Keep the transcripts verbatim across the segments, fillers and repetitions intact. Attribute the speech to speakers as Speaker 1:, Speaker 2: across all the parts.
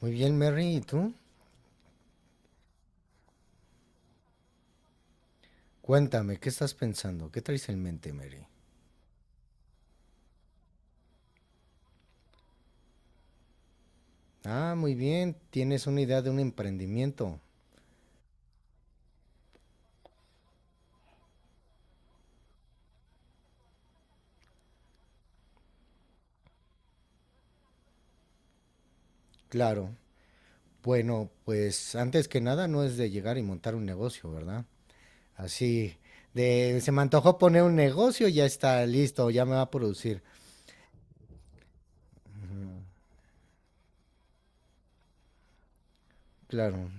Speaker 1: Muy bien, Mary, ¿y tú? Cuéntame, ¿qué estás pensando? ¿Qué traes en mente, Mary? Ah, muy bien, tienes una idea de un emprendimiento. Claro. Bueno, pues antes que nada no es de llegar y montar un negocio, ¿verdad? Así de se me antojó poner un negocio, ya está listo, ya me va a producir. Claro.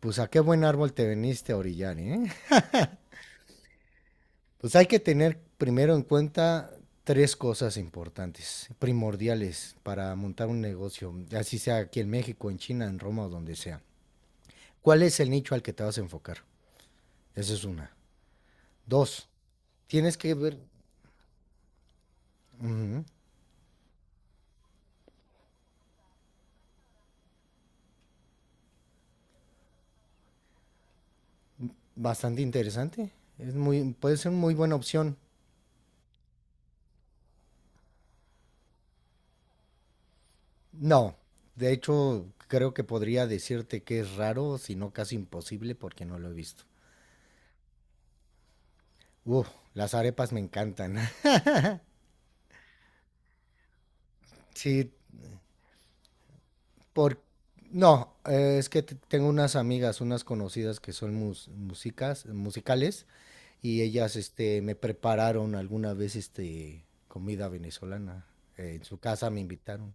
Speaker 1: Pues a qué buen árbol te veniste a orillar, ¿eh? Pues hay que tener primero en cuenta tres cosas importantes, primordiales para montar un negocio, así sea aquí en México, en China, en Roma o donde sea. ¿Cuál es el nicho al que te vas a enfocar? Esa es una. Dos, tienes que ver, ujú, bastante interesante, es muy, puede ser una muy buena opción. No, de hecho creo que podría decirte que es raro, si no casi imposible, porque no lo he visto. Uf, las arepas me encantan. Sí, por, no, eh, es que t- tengo unas amigas, unas conocidas que son mus- músicas, musicales, y ellas, este, me prepararon alguna vez, este, comida venezolana. Eh, en su casa me invitaron.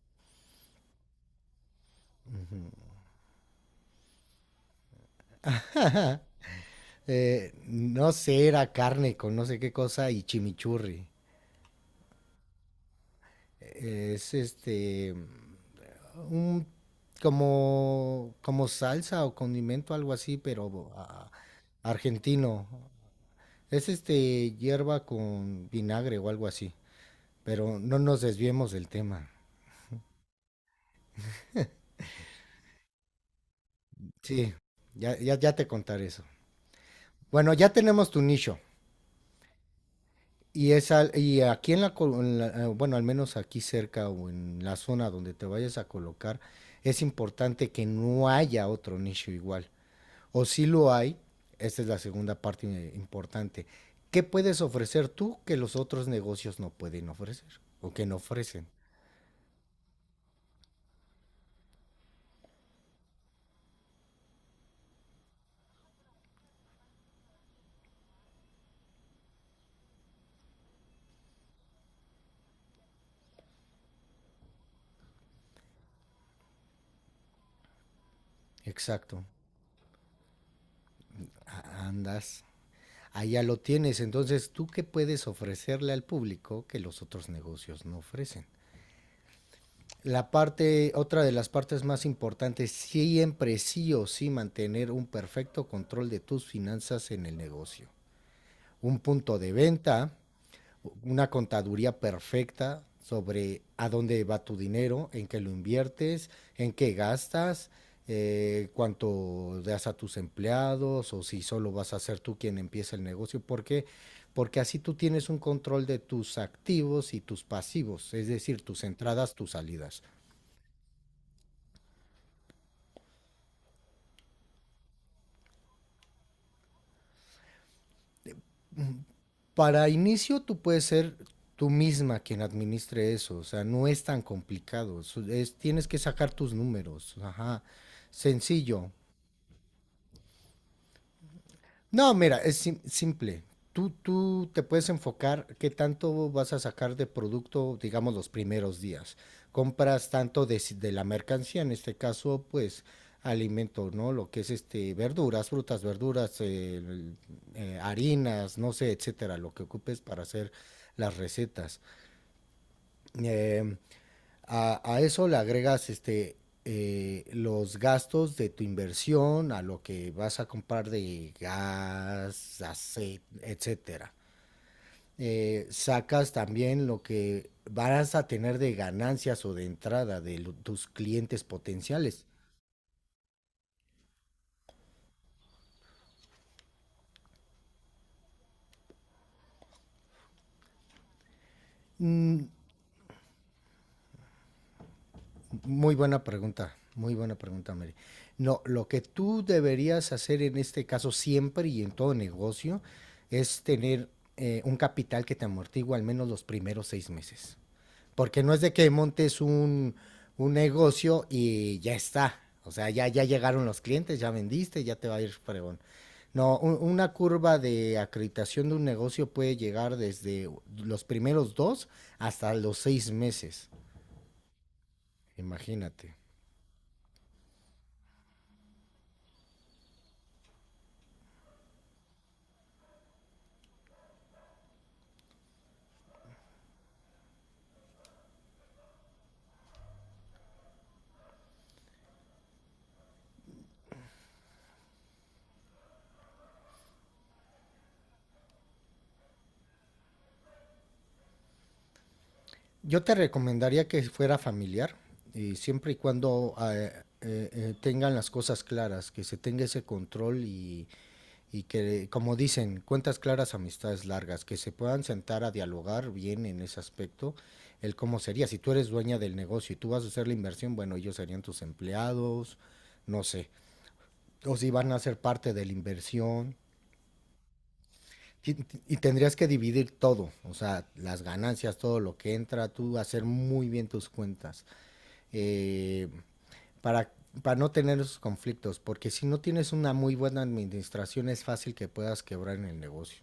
Speaker 1: Eh, no sé, era carne con no sé qué cosa y chimichurri. Eh, Es este, un como como salsa o condimento algo así, pero ah, argentino. Es este hierba con vinagre o algo así. Pero no nos desviemos del tema. Sí, ya, ya, ya te contaré eso. Bueno, ya tenemos tu nicho. Y, es al- y aquí en la, col- en la- eh, bueno, al menos aquí cerca o en la zona donde te vayas a colocar, es importante que no haya otro nicho igual. O si lo hay, esta es la segunda parte eh, importante. ¿Qué puedes ofrecer tú que los otros negocios no pueden ofrecer o que no ofrecen? Exacto. A- Andas allá lo tienes. Entonces, ¿tú qué puedes ofrecerle al público que los otros negocios no ofrecen? La parte, otra de las partes más importantes, siempre sí o sí mantener un perfecto control de tus finanzas en el negocio. Un punto de venta, una contaduría perfecta sobre a dónde va tu dinero, en qué lo inviertes, en qué gastas, eh, cuánto das a tus empleados o si solo vas a ser tú quien empieza el negocio. ¿Por qué? Porque así tú tienes un control de tus activos y tus pasivos, es decir, tus entradas, tus salidas. Para inicio tú puedes ser tú misma quien administre eso, o sea, no es tan complicado, es- es- tienes que sacar tus números, ajá. Sencillo, no, mira, es sim- simple. Tú, tú te puedes enfocar qué tanto vas a sacar de producto, digamos, los primeros días. Compras tanto de, si- de la mercancía, en este caso, pues alimento, ¿no? Lo que es este, verduras, frutas, verduras, eh, el- eh, harinas, no sé, etcétera, lo que ocupes para hacer las recetas. Em, a, a eso le agregas este, eh, los gastos de tu inversión, a lo que vas a comprar de gas, aceite, etcétera. Eh, sacas también lo que vas a tener de ganancias o de entrada de lo- tus clientes potenciales. Mm, muy buena pregunta, muy buena pregunta, Mary. No, lo que tú deberías hacer en este caso siempre y en todo negocio es tener eh, un capital que te amortigua al menos los primeros seis meses. Porque no es de que montes un, un negocio y ya está. O sea, ya, ya llegaron los clientes, ya vendiste, ya te va a ir fregón. No, un- una curva de acreditación de un negocio puede llegar desde los primeros dos hasta los seis meses. Imagínate. Yo te recomendaría que fuera familiar, y siempre y cuando eh, eh, eh, tengan las cosas claras, que se tenga ese control y, y que, como dicen, cuentas claras, amistades largas, que se puedan sentar a dialogar bien en ese aspecto, el cómo sería. Si tú eres dueña del negocio y tú vas a hacer la inversión, bueno, ellos serían tus empleados, no sé, o si van a ser parte de la inversión. Y, y tendrías que dividir todo, o sea, las ganancias, todo lo que entra, tú hacer muy bien tus cuentas. eh, para, para no tener esos conflictos, porque si no tienes una muy buena administración es fácil que puedas quebrar en el negocio.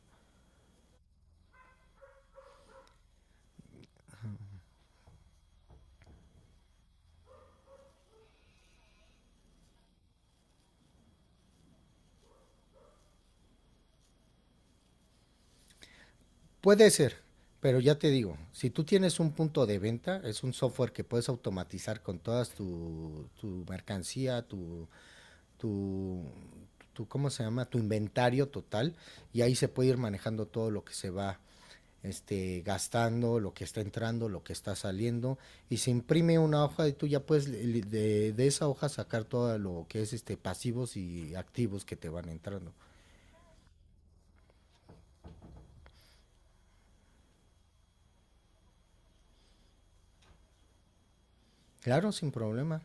Speaker 1: Puede ser, pero ya te digo, si tú tienes un punto de venta, es un software que puedes automatizar con todas tu, tu mercancía, tu, tu, tu, ¿cómo se llama? Tu inventario total, y ahí se puede ir manejando todo lo que se va este, gastando, lo que está entrando, lo que está saliendo, y se imprime una hoja y tú ya puedes de, de esa hoja sacar todo lo que es este, pasivos y activos que te van entrando. Claro, sin problema.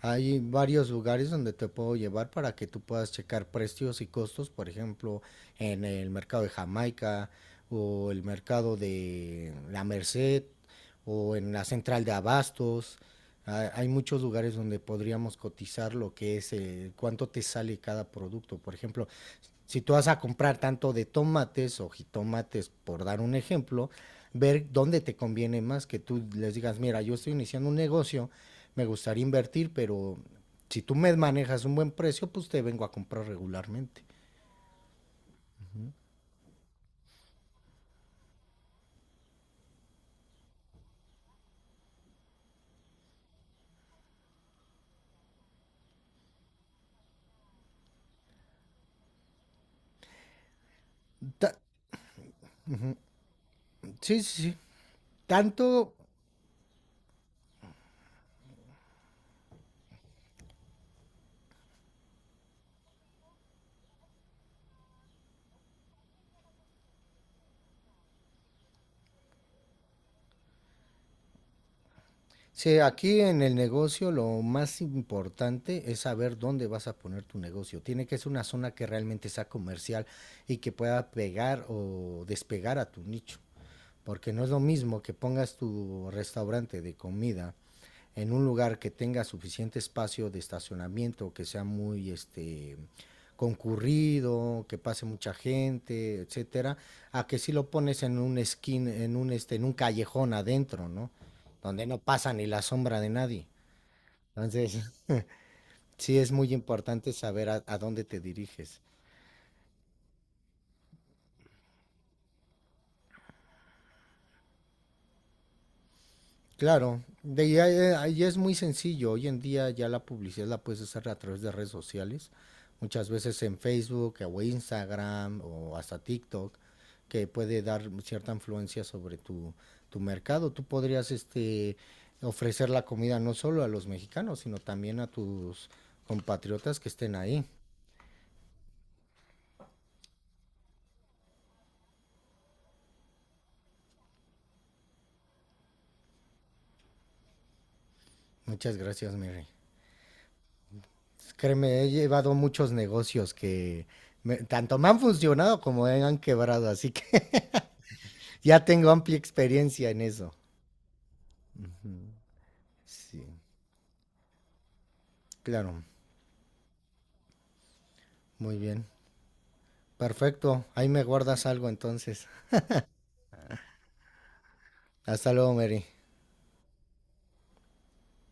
Speaker 1: Hay varios lugares donde te puedo llevar para que tú puedas checar precios y costos, por ejemplo, en el mercado de Jamaica o el mercado de La Merced o en la central de abastos. Ha- Hay muchos lugares donde podríamos cotizar lo que es eh, cuánto te sale cada producto. Por ejemplo, si tú vas a comprar tanto de tomates o jitomates, por dar un ejemplo, ver dónde te conviene más que tú les digas, mira, yo estoy iniciando un negocio, me gustaría invertir, pero si tú me manejas un buen precio, pues te vengo a comprar regularmente. Ta- sí, sí, sí. Tanto, sí, aquí en el negocio lo más importante es saber dónde vas a poner tu negocio. Tiene que ser una zona que realmente sea comercial y que pueda pegar o despegar a tu nicho. Porque no es lo mismo que pongas tu restaurante de comida en un lugar que tenga suficiente espacio de estacionamiento, que sea muy este concurrido, que pase mucha gente, etcétera, a que si lo pones en un skin, en un este, en un callejón adentro, ¿no? Donde no pasa ni la sombra de nadie. Entonces, sí es muy importante saber a, a dónde te diriges. Claro, de ahí, a- ahí es muy sencillo. Hoy en día ya la publicidad la puedes hacer a través de redes sociales, muchas veces en Facebook o Instagram o hasta TikTok, que puede dar cierta influencia sobre tu, tu mercado. Tú podrías este, ofrecer la comida no solo a los mexicanos, sino también a tus compatriotas que estén ahí. Muchas gracias, Mary. Créeme, he llevado muchos negocios que me- tanto me han funcionado como me han quebrado, así que ya tengo amplia experiencia en eso. Sí, claro. Muy bien. Perfecto. Ahí me guardas algo entonces. Hasta luego, Mary.